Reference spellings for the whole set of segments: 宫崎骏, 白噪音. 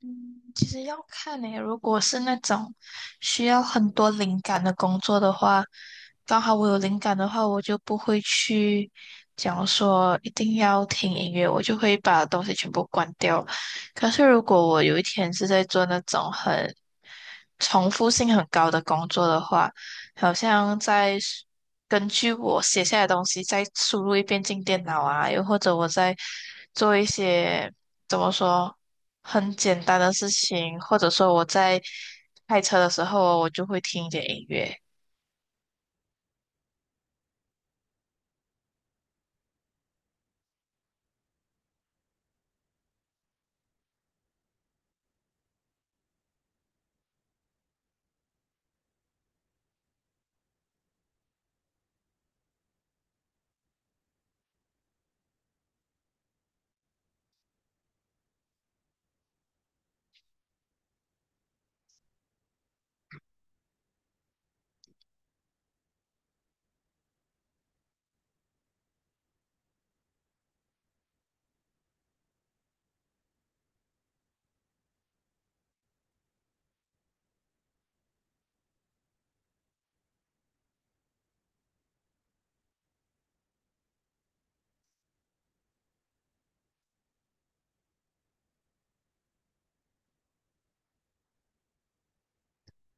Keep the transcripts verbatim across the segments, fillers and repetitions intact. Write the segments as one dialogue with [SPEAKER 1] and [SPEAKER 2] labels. [SPEAKER 1] 嗯，其实要看呢、如果是那种需要很多灵感的工作的话，刚好我有灵感的话，我就不会去讲说一定要听音乐，我就会把东西全部关掉。可是如果我有一天是在做那种很重复性很高的工作的话，好像在根据我写下来的东西再输入一遍进电脑啊，又或者我在做一些怎么说很简单的事情，或者说我在开车的时候我就会听一点音乐。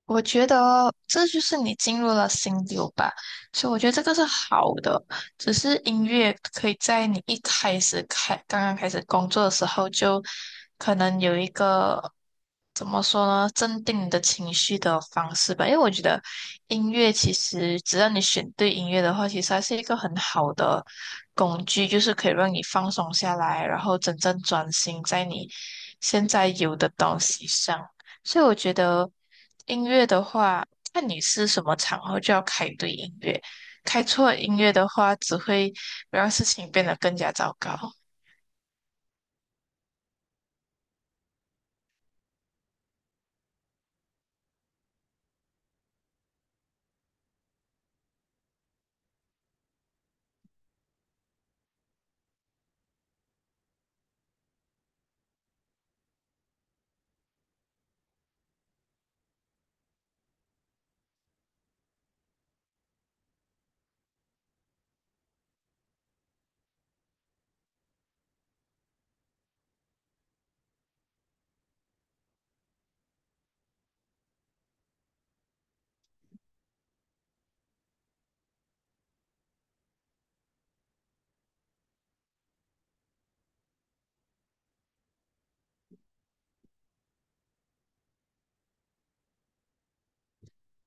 [SPEAKER 1] 我觉得这就是你进入了心流吧，所以我觉得这个是好的。只是音乐可以在你一开始开刚刚开始工作的时候，就可能有一个怎么说呢，镇定你的情绪的方式吧。因为我觉得音乐其实只要你选对音乐的话，其实它是一个很好的工具，就是可以让你放松下来，然后真正专心在你现在有的东西上。所以我觉得，音乐的话，看你是什么场合就要开对音乐，开错音乐的话，只会让事情变得更加糟糕。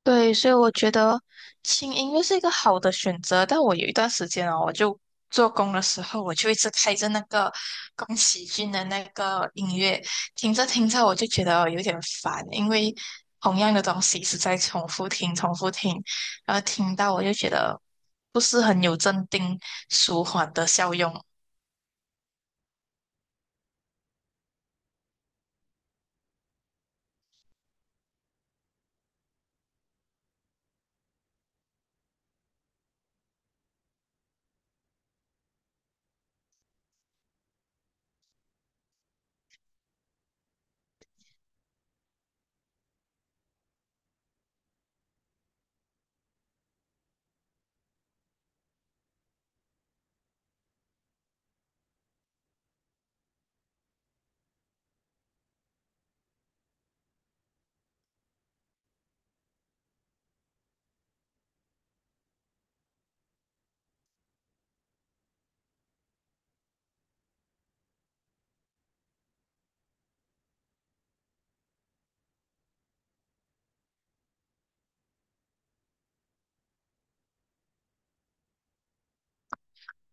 [SPEAKER 1] 对，所以我觉得轻音乐是一个好的选择，但我有一段时间哦，我就做工的时候，我就一直开着那个宫崎骏的那个音乐，听着听着我就觉得有点烦，因为同样的东西一直在重复听、重复听，然后听到我就觉得不是很有镇定舒缓的效用。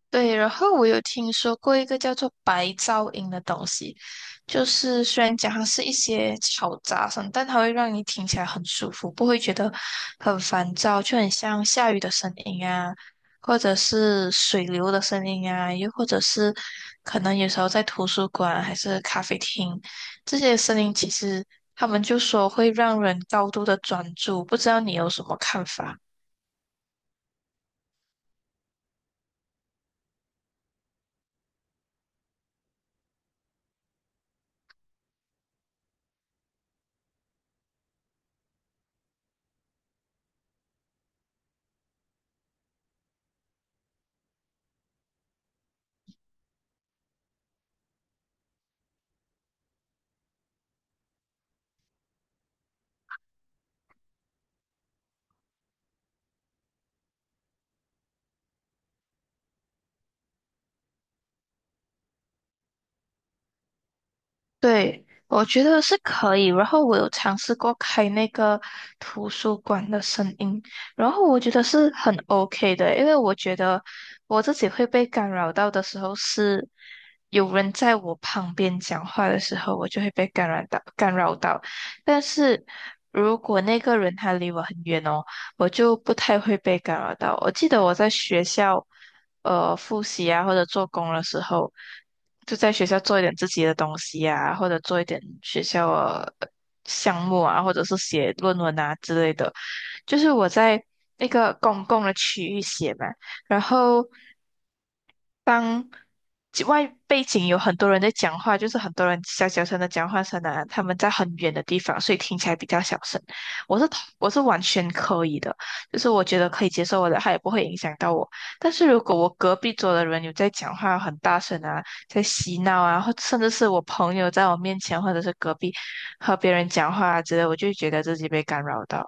[SPEAKER 1] 对，然后我有听说过一个叫做白噪音的东西，就是虽然讲它是一些嘈杂声，但它会让你听起来很舒服，不会觉得很烦躁，就很像下雨的声音啊，或者是水流的声音啊，又或者是可能有时候在图书馆还是咖啡厅，这些声音其实他们就说会让人高度的专注，不知道你有什么看法？对，我觉得是可以。然后我有尝试过开那个图书馆的声音，然后我觉得是很 OK 的，因为我觉得我自己会被干扰到的时候是有人在我旁边讲话的时候，我就会被干扰到干扰到。但是如果那个人他离我很远哦，我就不太会被干扰到。我记得我在学校呃复习啊或者做工的时候，就在学校做一点自己的东西啊，或者做一点学校的呃项目啊，或者是写论文啊之类的。就是我在那个公共的区域写嘛，然后当外背景有很多人在讲话，就是很多人小小声的讲话声啊，他们在很远的地方，所以听起来比较小声。我是我是完全可以的，就是我觉得可以接受我的，它也不会影响到我。但是如果我隔壁桌的人有在讲话很大声啊，在嬉闹啊，或甚至是我朋友在我面前，或者是隔壁和别人讲话啊之类，我就会觉得自己被干扰到。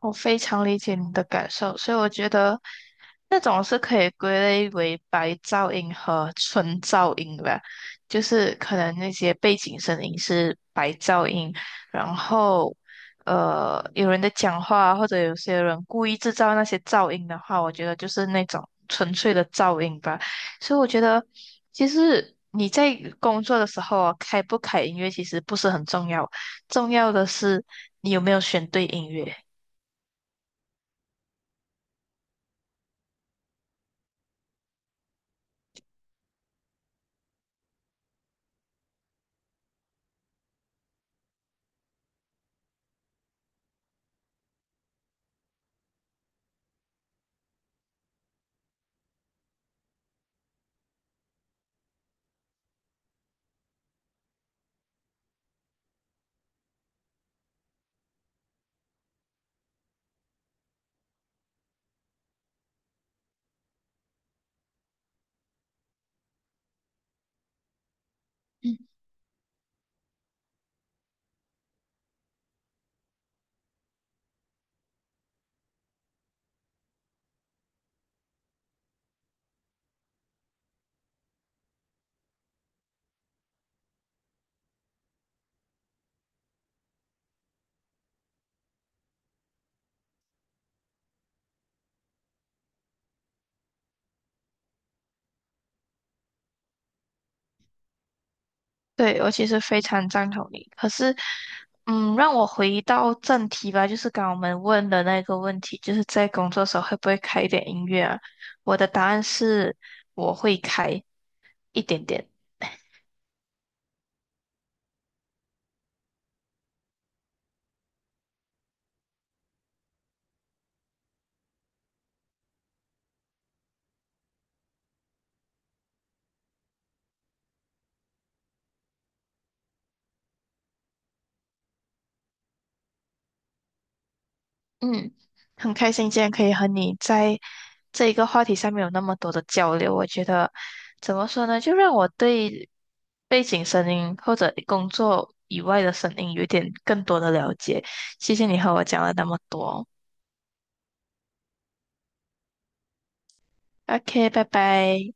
[SPEAKER 1] 我非常理解你的感受，所以我觉得那种是可以归类为白噪音和纯噪音吧，就是可能那些背景声音是白噪音，然后呃有人在讲话或者有些人故意制造那些噪音的话，我觉得就是那种纯粹的噪音吧。所以我觉得其实你在工作的时候啊，开不开音乐其实不是很重要，重要的是你有没有选对音乐。对，我其实非常赞同你。可是，嗯，让我回到正题吧，就是刚刚我们问的那个问题，就是在工作时候会不会开一点音乐啊？我的答案是我会开一点点。嗯，很开心今天可以和你在这一个话题上面有那么多的交流。我觉得怎么说呢，就让我对背景声音或者工作以外的声音有一点更多的了解。谢谢你和我讲了那么多。OK，拜拜。